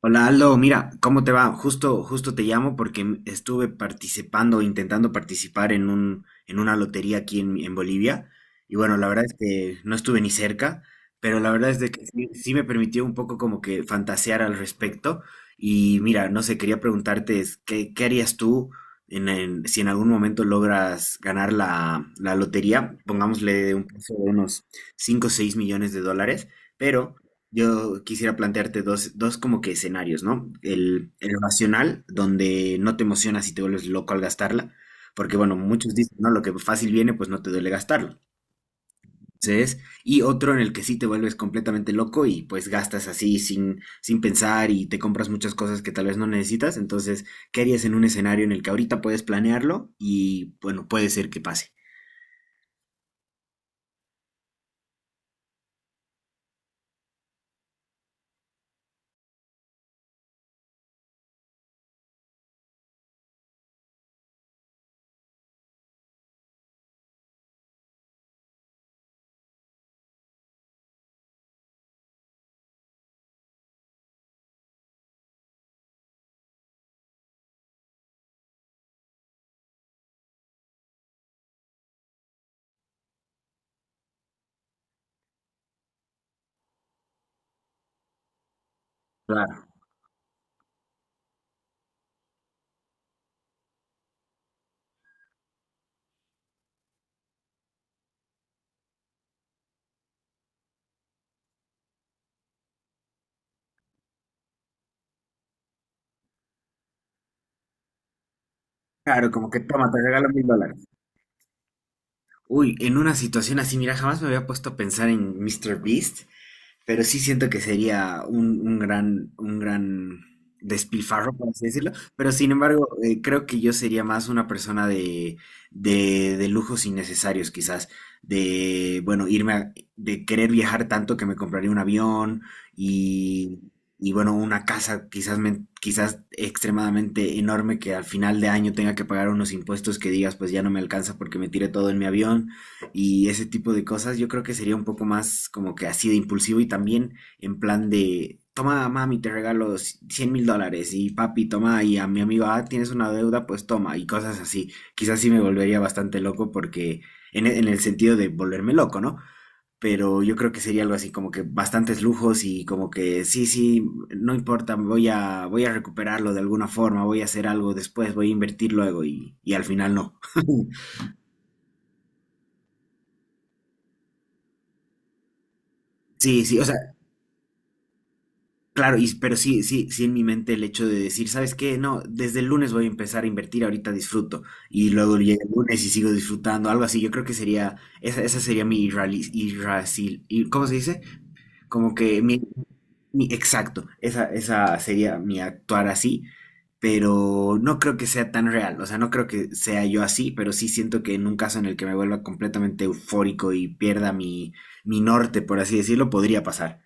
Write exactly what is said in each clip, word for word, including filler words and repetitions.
Hola Aldo, mira, ¿cómo te va? Justo, justo te llamo porque m- estuve participando, intentando participar en un, en una lotería aquí en, en Bolivia. Y bueno, la verdad es que no estuve ni cerca, pero la verdad es de que sí, sí me permitió un poco como que fantasear al respecto. Y mira, no sé, quería preguntarte, es, ¿qué, qué harías tú en, en- si en algún momento logras ganar la, la lotería? Pongámosle un precio de unos cinco, o seis millones de dólares, pero yo quisiera plantearte dos, dos como que escenarios, ¿no? El, el racional, donde no te emocionas y te vuelves loco al gastarla, porque bueno, muchos dicen, ¿no? Lo que fácil viene, pues no te duele gastarlo. Entonces, y otro en el que sí te vuelves completamente loco y pues gastas así sin, sin pensar y te compras muchas cosas que tal vez no necesitas. Entonces, ¿qué harías en un escenario en el que ahorita puedes planearlo y bueno, puede ser que pase? Claro, claro, como que toma, te regalo mil dólares. Uy, en una situación así, mira, jamás me había puesto a pensar en mister Beast. Pero sí siento que sería un, un gran, un gran despilfarro, por así decirlo. Pero sin embargo, eh, creo que yo sería más una persona de, de, de lujos innecesarios, quizás. De, bueno, irme a- de querer viajar tanto que me compraría un avión y, y bueno, una casa quizás, men- quizás extremadamente enorme que al final de año tenga que pagar unos impuestos que digas, pues ya no me alcanza porque me tiré todo en mi avión y ese tipo de cosas, yo creo que sería un poco más como que así de impulsivo y también en plan de, toma mami, te regalo cien mil dólares y papi, toma y a mi amigo, ah, tienes una deuda, pues toma y cosas así. Quizás sí me volvería bastante loco porque en, e- en el sentido de volverme loco, ¿no? Pero yo creo que sería algo así como que bastantes lujos y como que sí, sí, no importa, voy a, voy a recuperarlo de alguna forma, voy a hacer algo después, voy a invertir luego y, y al final no. Sí, sí, o sea, claro, y, pero sí, sí, sí en mi mente el hecho de decir, ¿sabes qué? No, desde el lunes voy a empezar a invertir, ahorita disfruto, y luego llega el lunes y sigo disfrutando, algo así, yo creo que sería, esa, esa sería mi irrali- irracil, y- ¿cómo se dice? Como que mi, mi- exacto, esa, esa sería mi actuar así, pero no creo que sea tan real, o sea, no creo que sea yo así, pero sí siento que en un caso en el que me vuelva completamente eufórico y pierda mi, mi norte, por así decirlo, podría pasar.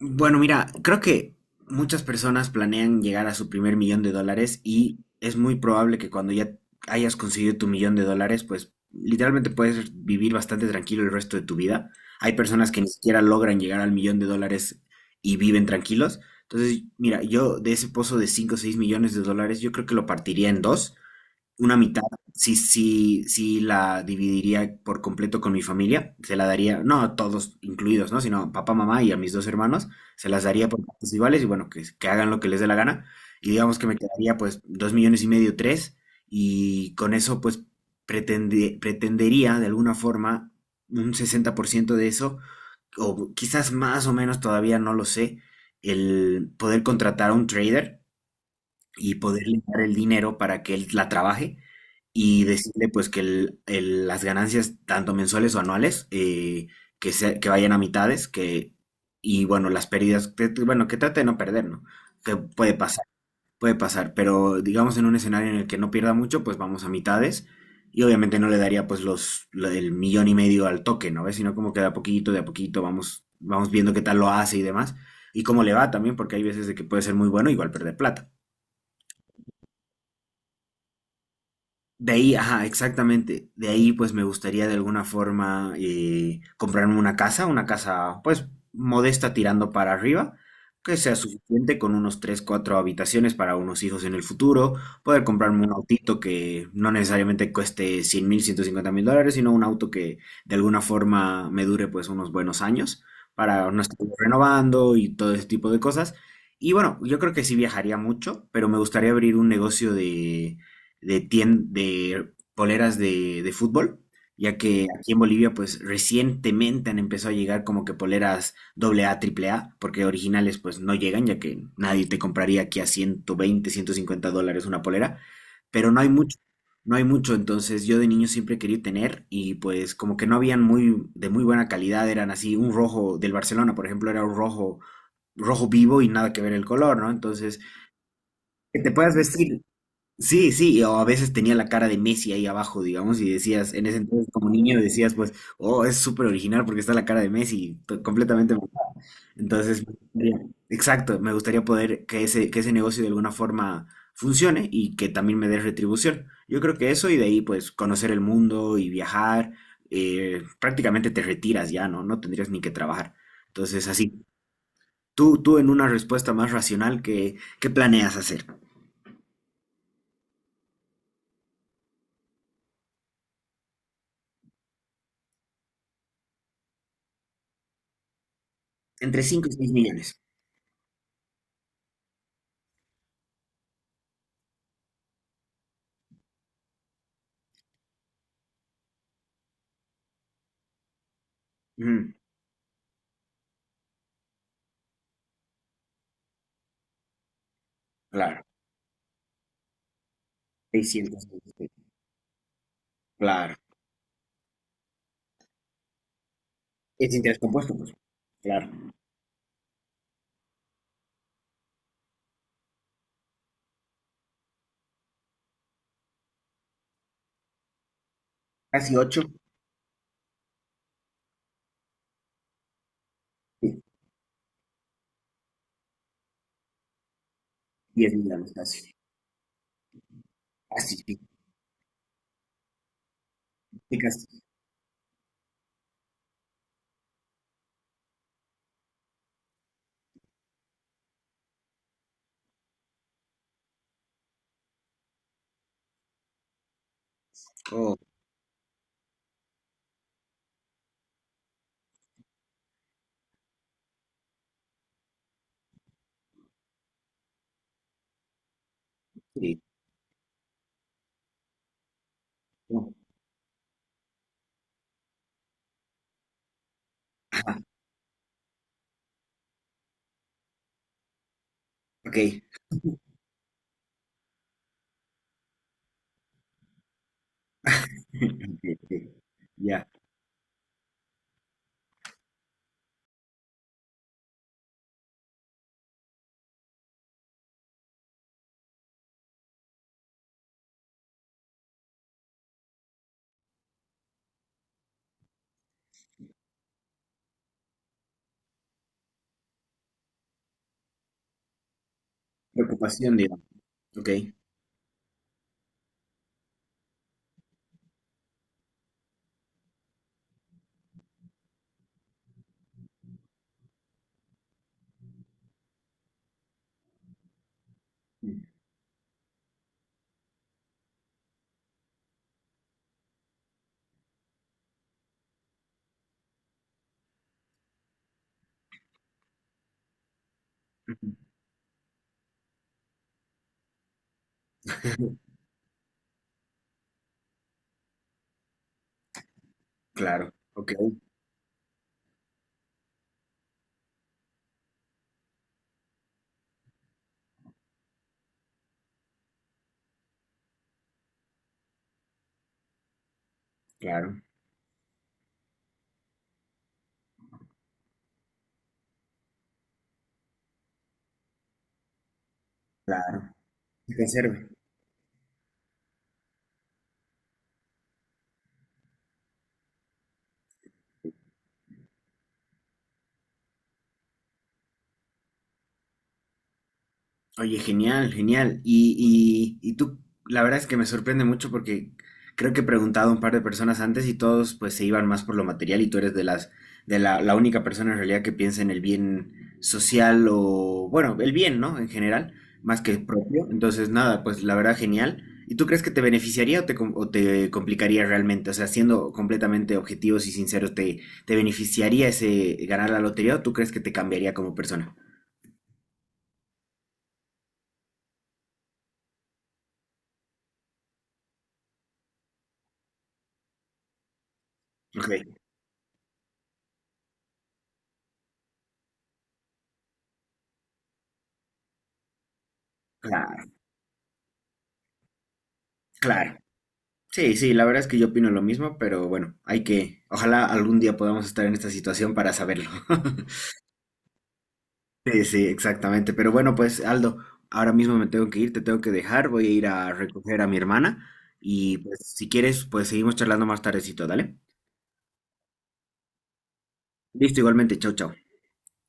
Bueno, mira, creo que muchas personas planean llegar a su primer millón de dólares y es muy probable que cuando ya hayas conseguido tu millón de dólares, pues literalmente puedes vivir bastante tranquilo el resto de tu vida. Hay personas que ni siquiera logran llegar al millón de dólares y viven tranquilos. Entonces, mira, yo de ese pozo de cinco, o seis millones de dólares, yo creo que lo partiría en dos una mitad, sí, sí, sí la dividiría por completo con mi familia, se la daría, no a todos incluidos, ¿no? Sino papá, mamá y a mis dos hermanos, se las daría por partes iguales y bueno, que, que hagan lo que les dé la gana. Y digamos que me quedaría pues dos millones y medio, tres, y con eso pues pretende- pretendería de alguna forma un sesenta por ciento de eso, o quizás más o menos, todavía no lo sé, el poder contratar a un trader y poderle dar el dinero para que él la trabaje y decirle pues que el- el- las ganancias, tanto mensuales o anuales, eh, que, se- que vayan a mitades, que, y bueno, las pérdidas, que- que, bueno, que trate de no perder, ¿no? Que puede pasar, puede pasar, pero digamos en un escenario en el que no pierda mucho, pues vamos a mitades. Y obviamente no le daría pues los, lo- el millón y medio al toque, ¿no ves? Sino como que de a poquito, de a poquito vamos, vamos viendo qué tal lo hace y demás. Y cómo le va también, porque hay veces de que puede ser muy bueno, igual perder plata. De ahí, ajá, exactamente. De ahí, pues me gustaría de alguna forma eh, comprarme una casa, una casa, pues, modesta tirando para arriba, que sea suficiente con unos tres cuatro habitaciones para unos hijos en el futuro, poder comprarme un autito que no necesariamente cueste cien mil, ciento cincuenta mil dólares, sino un auto que de alguna forma me dure, pues, unos buenos años para no estar renovando y todo ese tipo de cosas. Y bueno, yo creo que sí viajaría mucho, pero me gustaría abrir un negocio de de, tien- de poleras de, de fútbol, ya que aquí en Bolivia pues recientemente han empezado a llegar como que poleras doble A triple A porque originales pues no llegan, ya que nadie te compraría aquí a ciento veinte, ciento cincuenta dólares una polera, pero no hay mucho. No hay mucho, entonces yo de niño siempre quería tener y pues como que no habían muy de muy buena calidad, eran así un rojo del Barcelona, por ejemplo, era un rojo rojo vivo y nada que ver el color, ¿no? Entonces, que te puedas vestir. Sí, sí, o a veces tenía la cara de Messi ahí abajo, digamos, y decías, en ese entonces como niño decías, pues, oh, es súper original porque está la cara de Messi, to- completamente. Entonces, me gustaría- exacto, me gustaría poder que ese, que ese negocio de alguna forma funcione y que también me dé retribución. Yo creo que eso y de ahí, pues, conocer el mundo y viajar, eh, prácticamente te retiras ya, ¿no? No tendrías ni que trabajar. Entonces, así, tú, tú en una respuesta más racional, ¿qué, qué planeas hacer? Entre cinco y seis millones. Ujú, claro. Seiscientos. Claro. Es interés compuesto, pues. Claro. Casi ocho, diez millones casi. Casi, sí, sí, casi. Oh, sí. Oh, ok. Ok, ok. Ya. Preocupación, digamos. Ok. Ujú. Claro. Ok, claro. Claro. Que se conserve. Oye, genial, genial. Y, y, y tú, la verdad es que me sorprende mucho porque creo que he preguntado a un par de personas antes y todos pues se iban más por lo material y tú eres de las, de la, la única persona en realidad que piensa en el bien social o, bueno, el bien, ¿no? En general, más que el propio. Entonces, nada, pues la verdad, genial. ¿Y tú crees que te beneficiaría o te, com- o te complicaría realmente? O sea, siendo completamente objetivos y sinceros, ¿te, te beneficiaría ese ganar la lotería o tú crees que te cambiaría como persona? Ok, claro, claro. Sí, sí, la verdad es que yo opino lo mismo, pero bueno, hay que, ojalá algún día podamos estar en esta situación para saberlo. Sí, sí, exactamente. Pero bueno, pues Aldo, ahora mismo me tengo que ir, te tengo que dejar, voy a ir a recoger a mi hermana y pues si quieres, pues seguimos charlando más tardecito, ¿dale? Listo, igualmente, chau, chau.